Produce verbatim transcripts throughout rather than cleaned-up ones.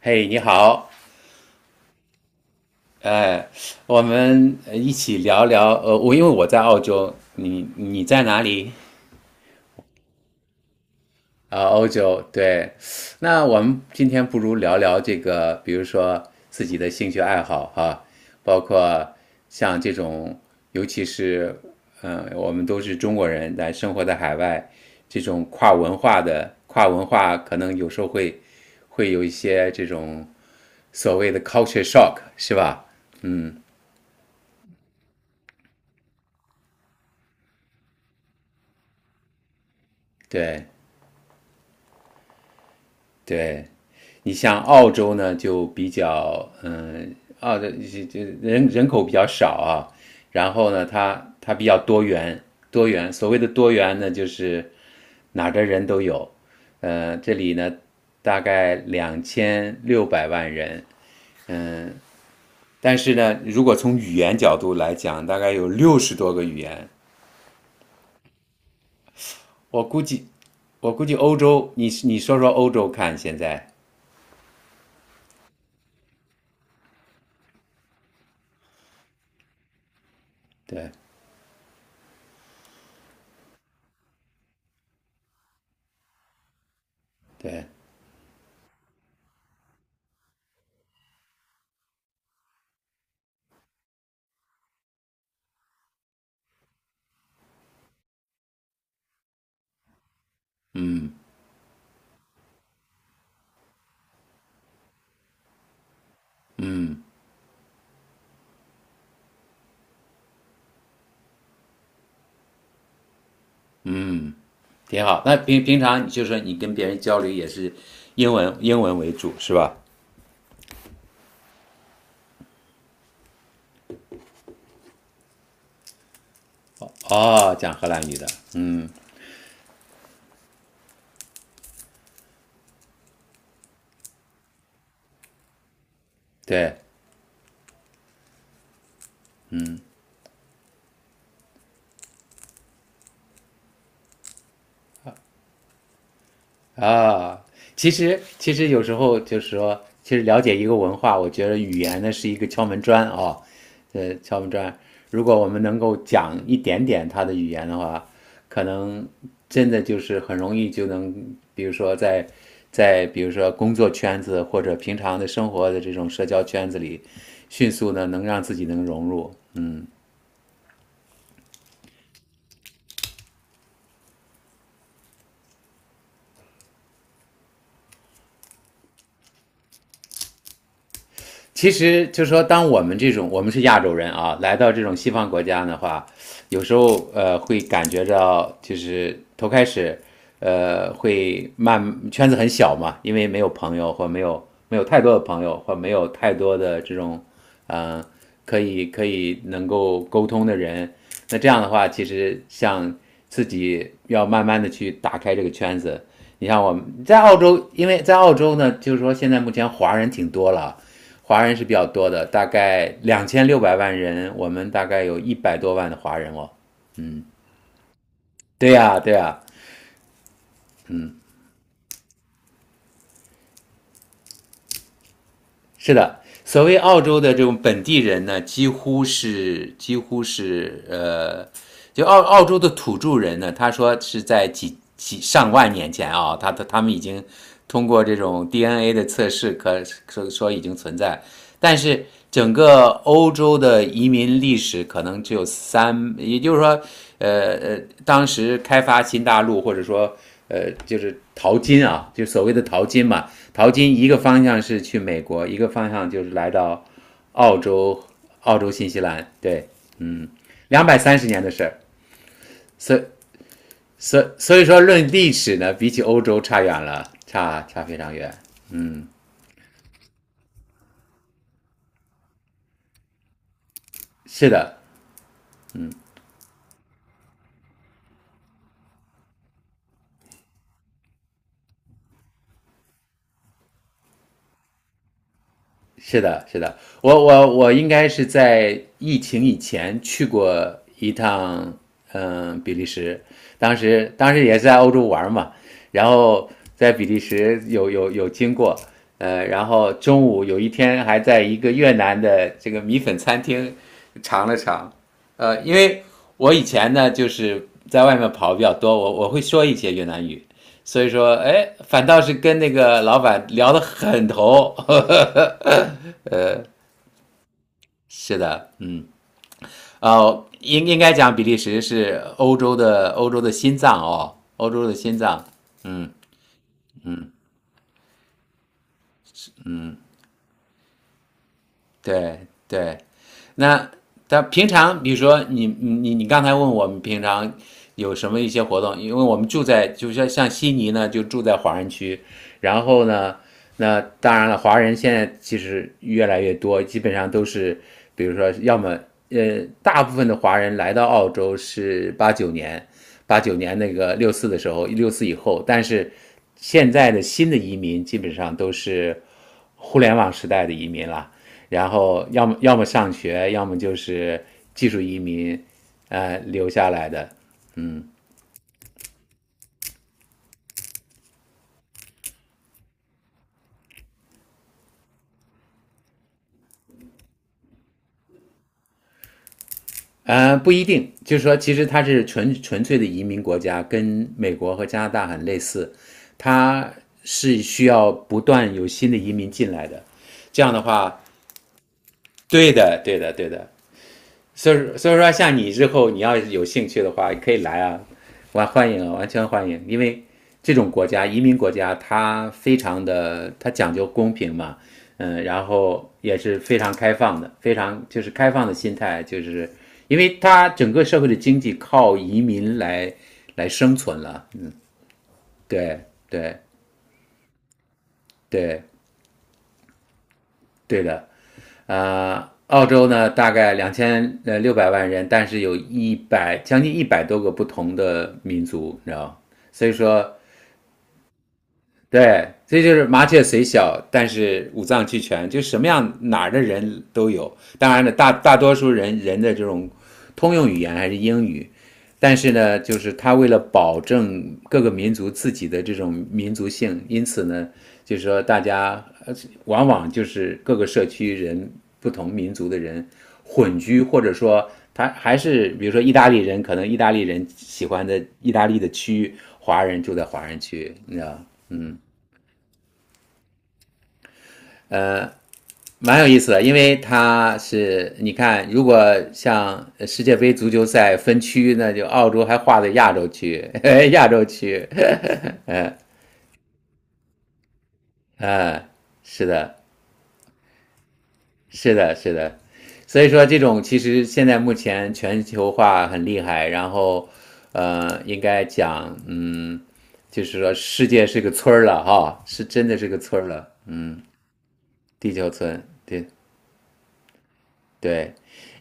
嘿你好，呃，我们呃一起聊聊，呃，我因为我在澳洲，你你在哪里？啊、欧洲，对。那我们今天不如聊聊这个，比如说自己的兴趣爱好哈、包括像这种，尤其是，嗯、呃我们都是中国人，但生活在海外，这种跨文化的跨文化，可能有时候会会有一些这种所谓的 culture shock，是吧？嗯。对。对，你像澳洲呢，就比较嗯，澳的这这人人口比较少啊，然后呢，它它比较多元，多元。所谓的多元呢，就是哪儿的人都有。呃，这里呢，大概两千六百万人，但是呢，如果从语言角度来讲，大概有六十多个语言。我估计，我估计欧洲，你你说说欧洲看现在。对对，挺好。那平平常就是你跟别人交流也是英文英文为主是吧？哦，讲荷兰语的。对。啊，其实其实有时候就是说，其实了解一个文化，我觉得语言呢是一个敲门砖啊、呃，敲门砖。如果我们能够讲一点点他的语言的话，可能真的就是很容易就能，比如说在在比如说工作圈子或者平常的生活的这种社交圈子里，迅速呢能让自己能融入。其实就是说，当我们这种我们是亚洲人啊，来到这种西方国家的话，有时候呃会感觉到，就是头开始，呃会慢圈子很小嘛，因为没有朋友或没有没有太多的朋友或没有太多的这种，呃可以可以能够沟通的人。那这样的话，其实像自己要慢慢的去打开这个圈子。你像我们在澳洲，因为在澳洲呢，就是说现在目前华人挺多了啊。华人是比较多的，大概两千六百万人，我们大概有一百多万的华人哦。对呀、啊对呀、啊是的，所谓澳洲的这种本地人呢，几乎是几乎是呃，就澳澳洲的土著人呢，他说是在几几上万年前啊，他他他们已经通过这种 D N A 的测试可说说已经存在，但是整个欧洲的移民历史可能只有三，也就是说，呃呃，当时开发新大陆或者说呃，就是淘金啊，就所谓的淘金嘛。淘金一个方向是去美国，一个方向就是来到澳洲、澳洲、新西兰，对，两百三十年的事儿。所所所以说，论历史呢，比起欧洲差远了，差差非常远。是的，是的，是的，我我我应该是在疫情以前去过一趟。嗯，比利时，当时当时也是在欧洲玩嘛，然后在比利时有有有经过。呃，然后中午有一天还在一个越南的这个米粉餐厅尝了尝。呃，因为我以前呢就是在外面跑比较多，我我会说一些越南语，所以说，哎，反倒是跟那个老板聊得很投，呵呵。是的。嗯。呃，应应该讲比利时是欧洲的欧洲的心脏哦，欧洲的心脏。对对。那但平常比如说你你你刚才问我们平常有什么一些活动，因为我们住在就像像悉尼呢，就住在华人区，然后呢，那当然了，华人现在其实越来越多，基本上都是，比如说，要么呃，大部分的华人来到澳洲是八九年，八九年那个六四的时候，六四以后，但是现在的新的移民基本上都是互联网时代的移民了，然后要么要么上学，要么就是技术移民，呃，留下来的。呃，不一定，就是说，其实它是纯纯粹的移民国家，跟美国和加拿大很类似，它是需要不断有新的移民进来的。这样的话，对的，对的，对的。所以所以说，像你之后你要有兴趣的话，可以来啊，完欢迎啊，完全欢迎。因为这种国家，移民国家，它非常的，它讲究公平嘛，嗯，然后也是非常开放的，非常就是开放的心态，就是因为它整个社会的经济靠移民来来生存了。对对对，对的。呃，澳洲呢大概两千呃六百万人，但是有一百将近一百多个不同的民族，你知道所以说，对，这就是麻雀虽小，但是五脏俱全，就什么样哪儿的人都有。当然了，大大多数人人的这种通用语言还是英语，但是呢，就是他为了保证各个民族自己的这种民族性，因此呢，就是说大家呃往往就是各个社区人不同民族的人混居，或者说他还是比如说意大利人，可能意大利人喜欢的意大利的区，华人住在华人区，你知道蛮有意思的，因为他是你看，如果像世界杯足球赛分区，那就澳洲还划在亚洲区、亚洲区，啊，是的，是的，是的。所以说，这种其实现在目前全球化很厉害，然后，呃，应该讲，嗯，就是说世界是个村儿了哈，是真的是个村儿了，地球村，对对。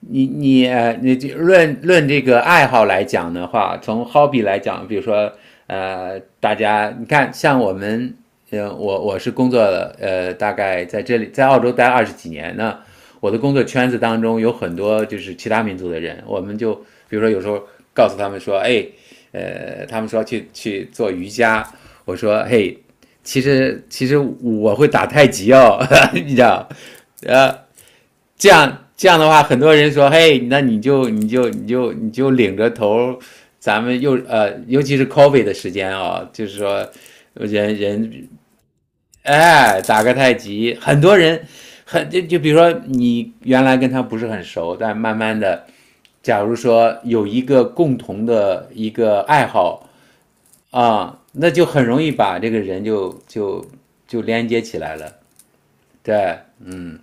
你你呃你这论论这个爱好来讲的话，从 hobby 来讲，比如说呃，大家你看，像我们，呃，我我是工作了，呃，大概在这里在澳洲待二十几年，那我的工作圈子当中有很多就是其他民族的人，我们就比如说有时候告诉他们说，哎，呃，他们说去去做瑜伽，我说嘿，其实其实我会打太极哦，你知道，呃，这样这样的话，很多人说，嘿，那你就你就你就你就领着头，咱们又呃，尤其是 c o f f e e 的时间啊、就是说人人哎打个太极，很多人很就就比如说你原来跟他不是很熟，但慢慢的，假如说有一个共同的一个爱好啊，那就很容易把这个人就就就连接起来了。对。嗯。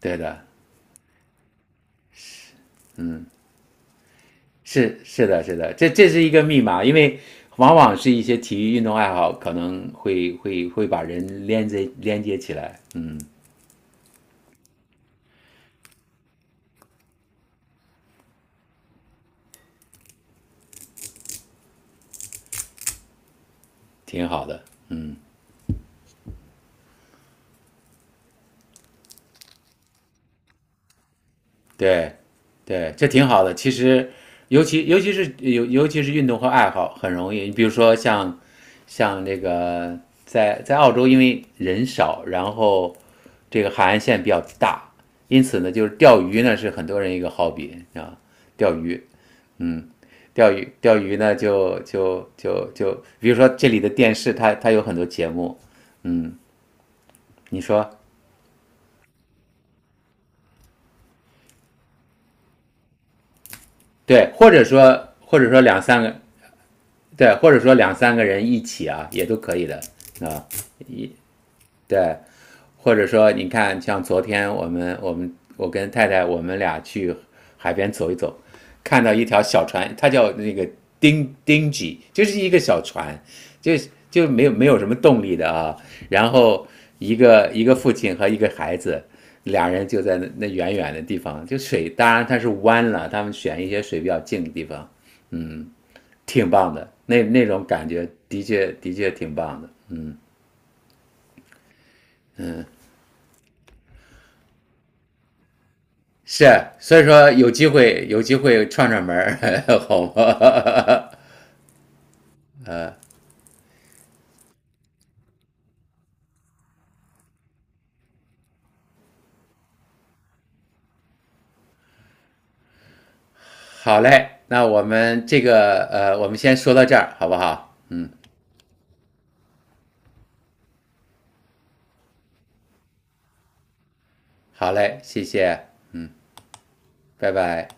对的。是是的，是的，这这是一个密码，因为往往是一些体育运动爱好可能会会会把人连接连接起来，嗯，挺好的。对，对，这挺好的。其实，尤其尤其是尤尤其是运动和爱好很容易，你比如说像像这个在在澳洲，因为人少，然后这个海岸线比较大，因此呢，就是钓鱼呢是很多人一个 hobby 啊，钓鱼。钓鱼钓鱼呢，就就就就，比如说这里的电视它，它有很多节目，你说对，或者说或者说两三个对，或者说两三个人一起啊，也都可以的啊，对，或者说你看，像昨天我们我们我跟太太我们俩去海边走一走，看到一条小船，它叫那个丁丁吉，就是一个小船，就就没有没有什么动力的啊。然后一个一个父亲和一个孩子，俩人就在那那远远的地方，就水当然它是弯了，他们选一些水比较静的地方，挺棒的，那那种感觉的确的确挺棒的。是，所以说有机会有机会串串门儿，好吗？好嘞，那我们这个呃，我们先说到这儿，好不好？嗯，好嘞，谢谢，嗯，拜拜。